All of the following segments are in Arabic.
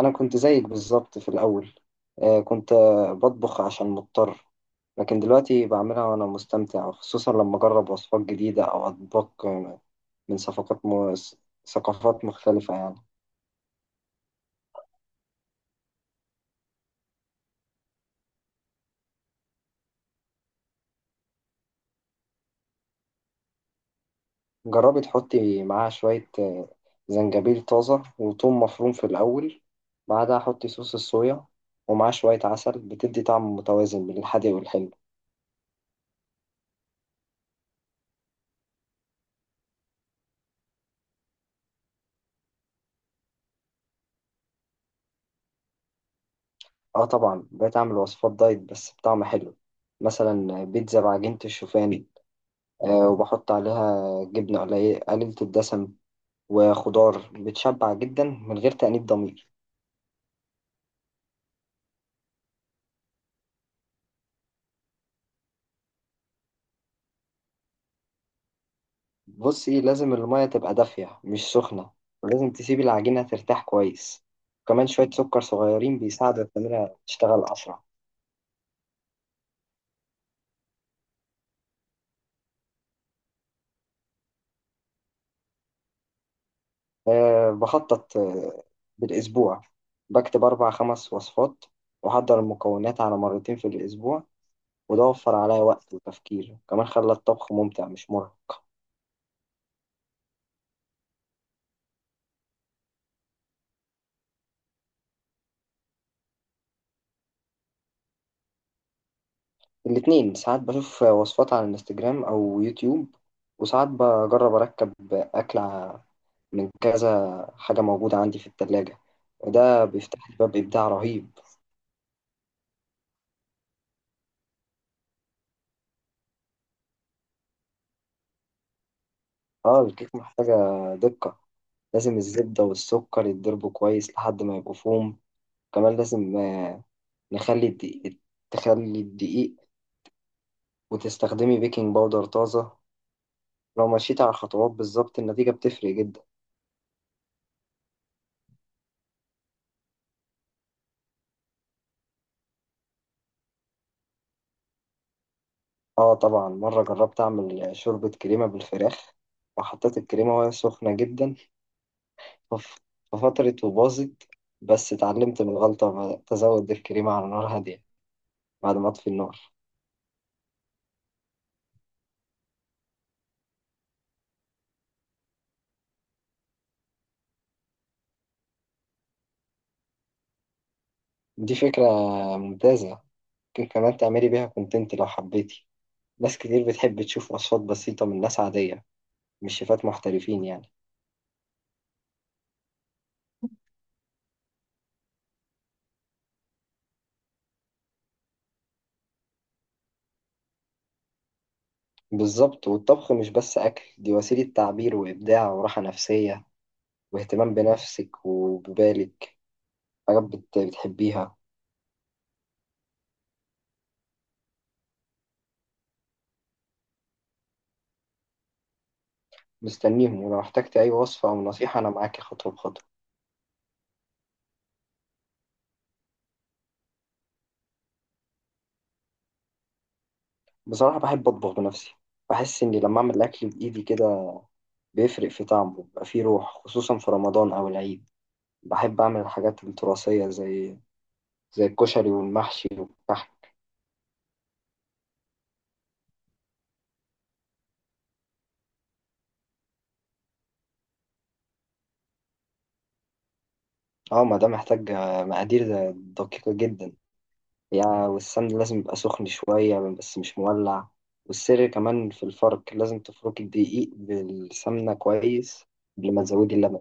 أنا كنت زيك بالظبط في الأول. كنت بطبخ عشان مضطر. لكن دلوقتي بعملها وأنا مستمتع، خصوصا لما أجرب وصفات جديدة أو أطباق من ثقافات مختلفة يعني. جربي تحطي معاها شوية زنجبيل طازة وثوم مفروم في الأول، بعدها حطي صوص الصويا ومعاه شوية عسل، بتدي طعم متوازن بين الحادق والحلو. اه طبعا، بقيت أعمل وصفات دايت بس بطعم حلو. مثلا بيتزا بعجينة الشوفان، وبحط عليها جبنة قليلة الدسم، وخضار بتشبع جدا من غير تأنيب ضمير. بصي، لازم المية تبقى دافية مش سخنة، ولازم تسيبي العجينة ترتاح كويس، وكمان شوية سكر صغيرين بيساعدوا التمرة تشتغل أسرع. أه بخطط بالأسبوع، بكتب أربع خمس وصفات وأحضر المكونات على مرتين في الأسبوع، وده وفر عليا وقت وتفكير، وكمان خلى الطبخ ممتع مش مرهق. الاتنين، ساعات بشوف وصفات على الانستجرام او يوتيوب، وساعات بجرب اركب اكلة من كذا حاجة موجودة عندي في التلاجة، وده بيفتح لي باب ابداع رهيب. اه الكيك محتاجة دقة. لازم الزبدة والسكر يتضربوا كويس لحد ما يبقوا فوم. كمان لازم نخلي الدقيق تخلي الدقيق وتستخدمي بيكنج باودر طازة. لو مشيت على الخطوات بالظبط، النتيجة بتفرق جدا. اه طبعا، مرة جربت أعمل شوربة كريمة بالفراخ وحطيت الكريمة وهي سخنة جدا، فف- ففترت وباظت. بس اتعلمت من الغلطة، وبدأت أزود الكريمة على نار هادية بعد ما أطفي النار. دي فكرة ممتازة. ممكن كمان تعملي بيها كونتنت لو حبيتي. ناس كتير بتحب تشوف وصفات بسيطة من ناس عادية، مش شيفات محترفين يعني. بالظبط، والطبخ مش بس أكل، دي وسيلة تعبير وإبداع وراحة نفسية واهتمام بنفسك وببالك. حاجات بتحبيها. مستنيهم، ولو احتجت أي وصفة أو نصيحة أنا معاك خطوة بخطوة. بصراحة بحب أطبخ بنفسي. بحس إني لما أعمل الأكل بإيدي كده بيفرق في طعمه، بيبقى فيه روح، خصوصا في رمضان أو العيد. بحب أعمل الحاجات التراثية زي الكشري والمحشي والكحك. اه ما ده محتاج مقادير دقيقة جدا يعني. والسمن لازم يبقى سخن شوية بس مش مولع. والسر كمان في الفرق، لازم تفركي الدقيق بالسمنة كويس قبل ما تزودي اللبن.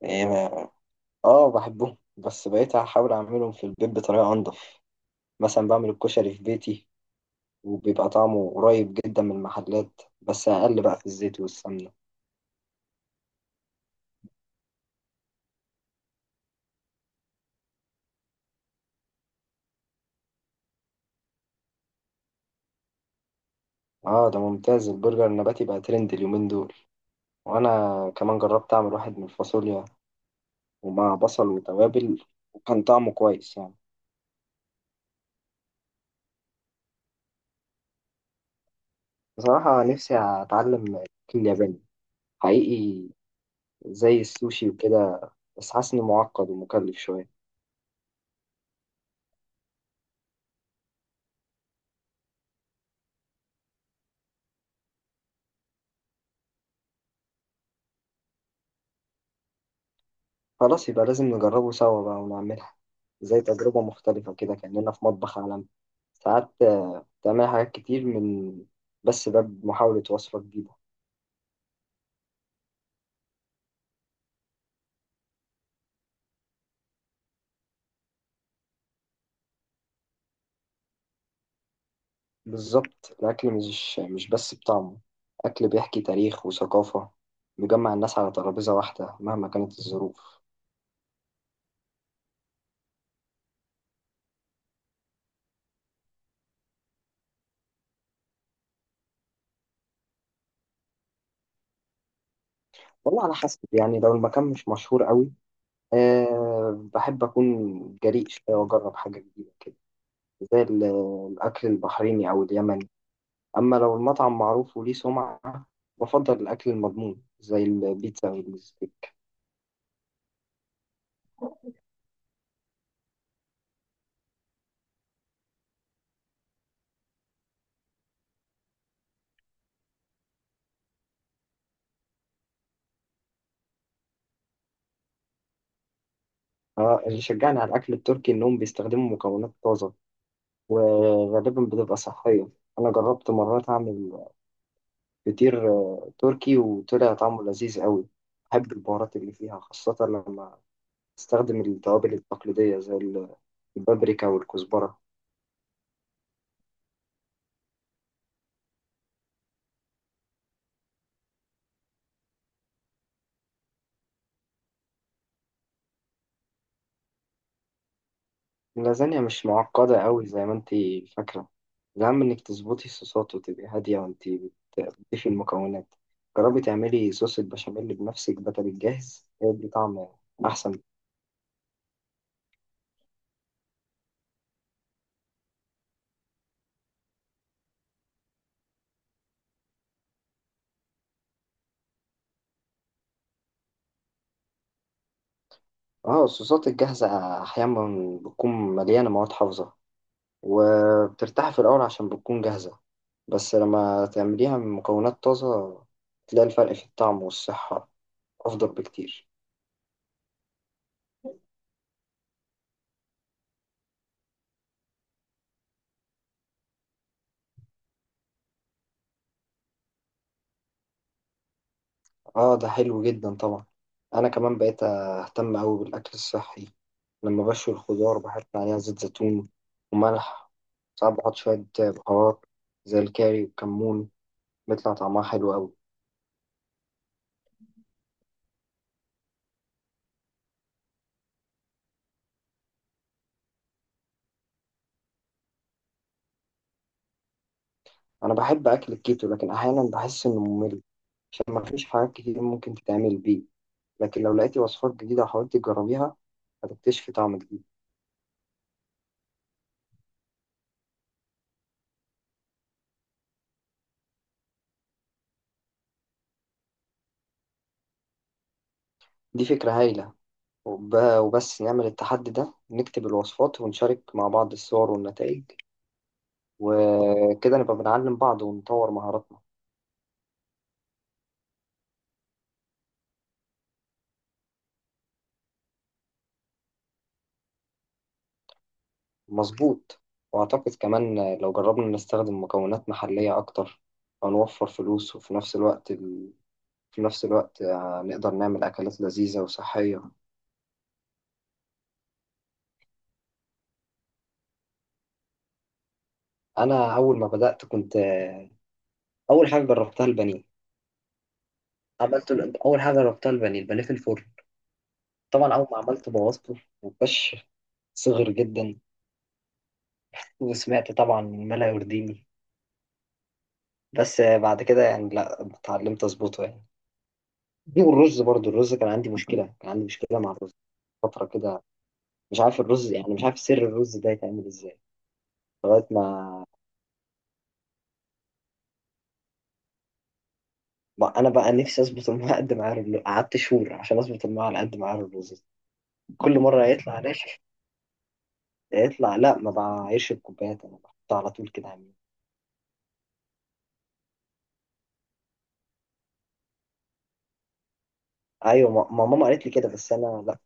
يعني اه بحبهم، بس بقيت هحاول اعملهم في البيت بطريقة انضف. مثلا بعمل الكشري في بيتي، وبيبقى طعمه قريب جدا من المحلات، بس اقل بقى في الزيت والسمنة. اه ده ممتاز. البرجر النباتي بقى ترند اليومين دول. وانا كمان جربت اعمل واحد من الفاصوليا ومع بصل وتوابل، وكان طعمه كويس يعني. بصراحة نفسي اتعلم الاكل الياباني حقيقي، زي السوشي وكده، بس حاسس انه معقد ومكلف شوية. خلاص، يبقى لازم نجربه سوا بقى ونعملها زي تجربة مختلفة كده، كأننا في مطبخ عالمي. ساعات تعمل حاجات كتير من بس باب محاولة وصفة جديدة. بالظبط، الأكل مش بس بطعمه، أكل بيحكي تاريخ وثقافة، بيجمع الناس على ترابيزة واحدة مهما كانت الظروف. والله على حسب، يعني لو المكان مش مشهور قوي، أه بحب أكون جريء شوية وأجرب حاجة جديدة كده، زي ال- الأكل البحريني أو اليمني. أما لو المطعم معروف وليه سمعة، بفضل الأكل المضمون زي البيتزا والستيك. اللي شجعني على الأكل التركي إنهم بيستخدموا مكونات طازة، وغالبا بتبقى صحية. أنا جربت مرات أعمل فطير تركي وطلع طعمه لذيذ قوي. بحب البهارات اللي فيها، خاصة لما تستخدم التوابل التقليدية البابريكا والكزبرة. اللازانيا مش معقدة قوي زي ما انتي فاكرة. الأهم انك تظبطي الصوصات وتبقي هادية وانتي بتضيفي المكونات. جربي تعملي صوص البشاميل بنفسك بدل الجاهز، هيدي طعم أحسن. اه الصوصات الجاهزة أحيانا بتكون مليانة مواد حافظة، وبترتاحي في الأول عشان بتكون جاهزة، بس لما تعمليها من مكونات طازة تلاقي الفرق في الطعم والصحة أفضل بكتير. اه ده حلو جدا طبعا. انا كمان بقيت اهتم قوي بالاكل الصحي. لما بشوي الخضار بحط عليها زيت زيتون وملح، ساعات بحط شويه بهارات زي الكاري والكمون، بيطلع طعمها حلو قوي. انا بحب اكل الكيتو، لكن احيانا بحس انه ممل عشان ما فيش حاجات كتير ممكن تتعمل بيه. لكن لو لقيتي وصفات جديده وحاولتي تجربيها، هتكتشفي طعم جديد. دي فكره هايله. وبس نعمل التحدي ده، نكتب الوصفات ونشارك مع بعض الصور والنتائج، وكده نبقى بنعلم بعض ونطور مهاراتنا. مظبوط. وأعتقد كمان لو جربنا نستخدم مكونات محلية أكتر، هنوفر فلوس، وفي نفس الوقت في نفس الوقت نقدر نعمل أكلات لذيذة وصحية. أنا أول ما بدأت، كنت أول حاجة جربتها البانيه. البانيه في الفرن. طبعا أول ما عملت بوظته وكش، صغر جدا، وسمعت طبعا ما لا يرضيني. بس بعد كده يعني لا، اتعلمت أظبطه يعني. دي، والرز برضو، الرز كان عندي مشكلة مع الرز فترة كده. مش عارف الرز، يعني مش عارف سر الرز ده يتعمل ازاي، لغاية ما ما أنا بقى نفسي أظبط الماء قد ما عارف. قعدت شهور عشان أظبط الماء على قد ما عارف الرز. كل مرة يطلع ناشف. يطلع، لا ما بعايرش بكوبايات، أنا بحطها على طول كده عمي. أيوة، ما ماما قالت لي كده، بس أنا لا،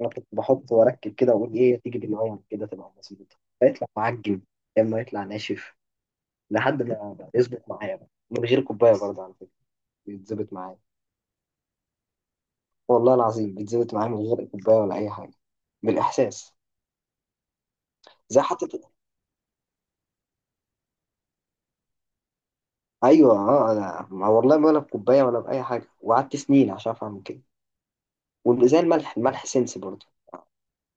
أنا كنت بحط وأركب كده وأقول إيه تيجي بالمية كده تبقى مظبوطة، فيطلع معجن يا إما يطلع ناشف، لحد ما يظبط معايا بقى من غير كوباية برضه على فكرة، بيتظبط معايا. والله العظيم بيتظبط معاه من غير كوباية ولا أي حاجة، بالإحساس. زي حتى. أيوه أه، أنا ما والله ولا بكوباية ولا بأي حاجة، وقعدت سنين عشان أفهم كده. وزي الملح سنس برضه،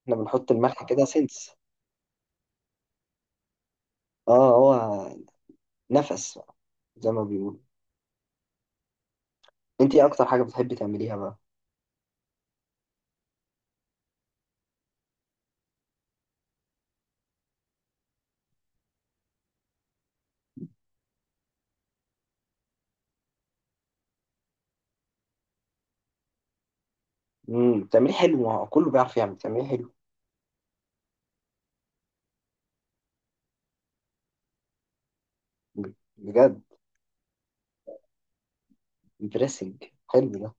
إحنا بنحط الملح كده سنس. أه هو نفس بقى، زي ما بيقولوا. أنت إيه أكتر حاجة بتحبي تعمليها بقى؟ امم، بتعمليه حلو. ما هو كله بيعرف يعمل، بتعمليه حلو. بجد؟ امبرسنج، حلو ده.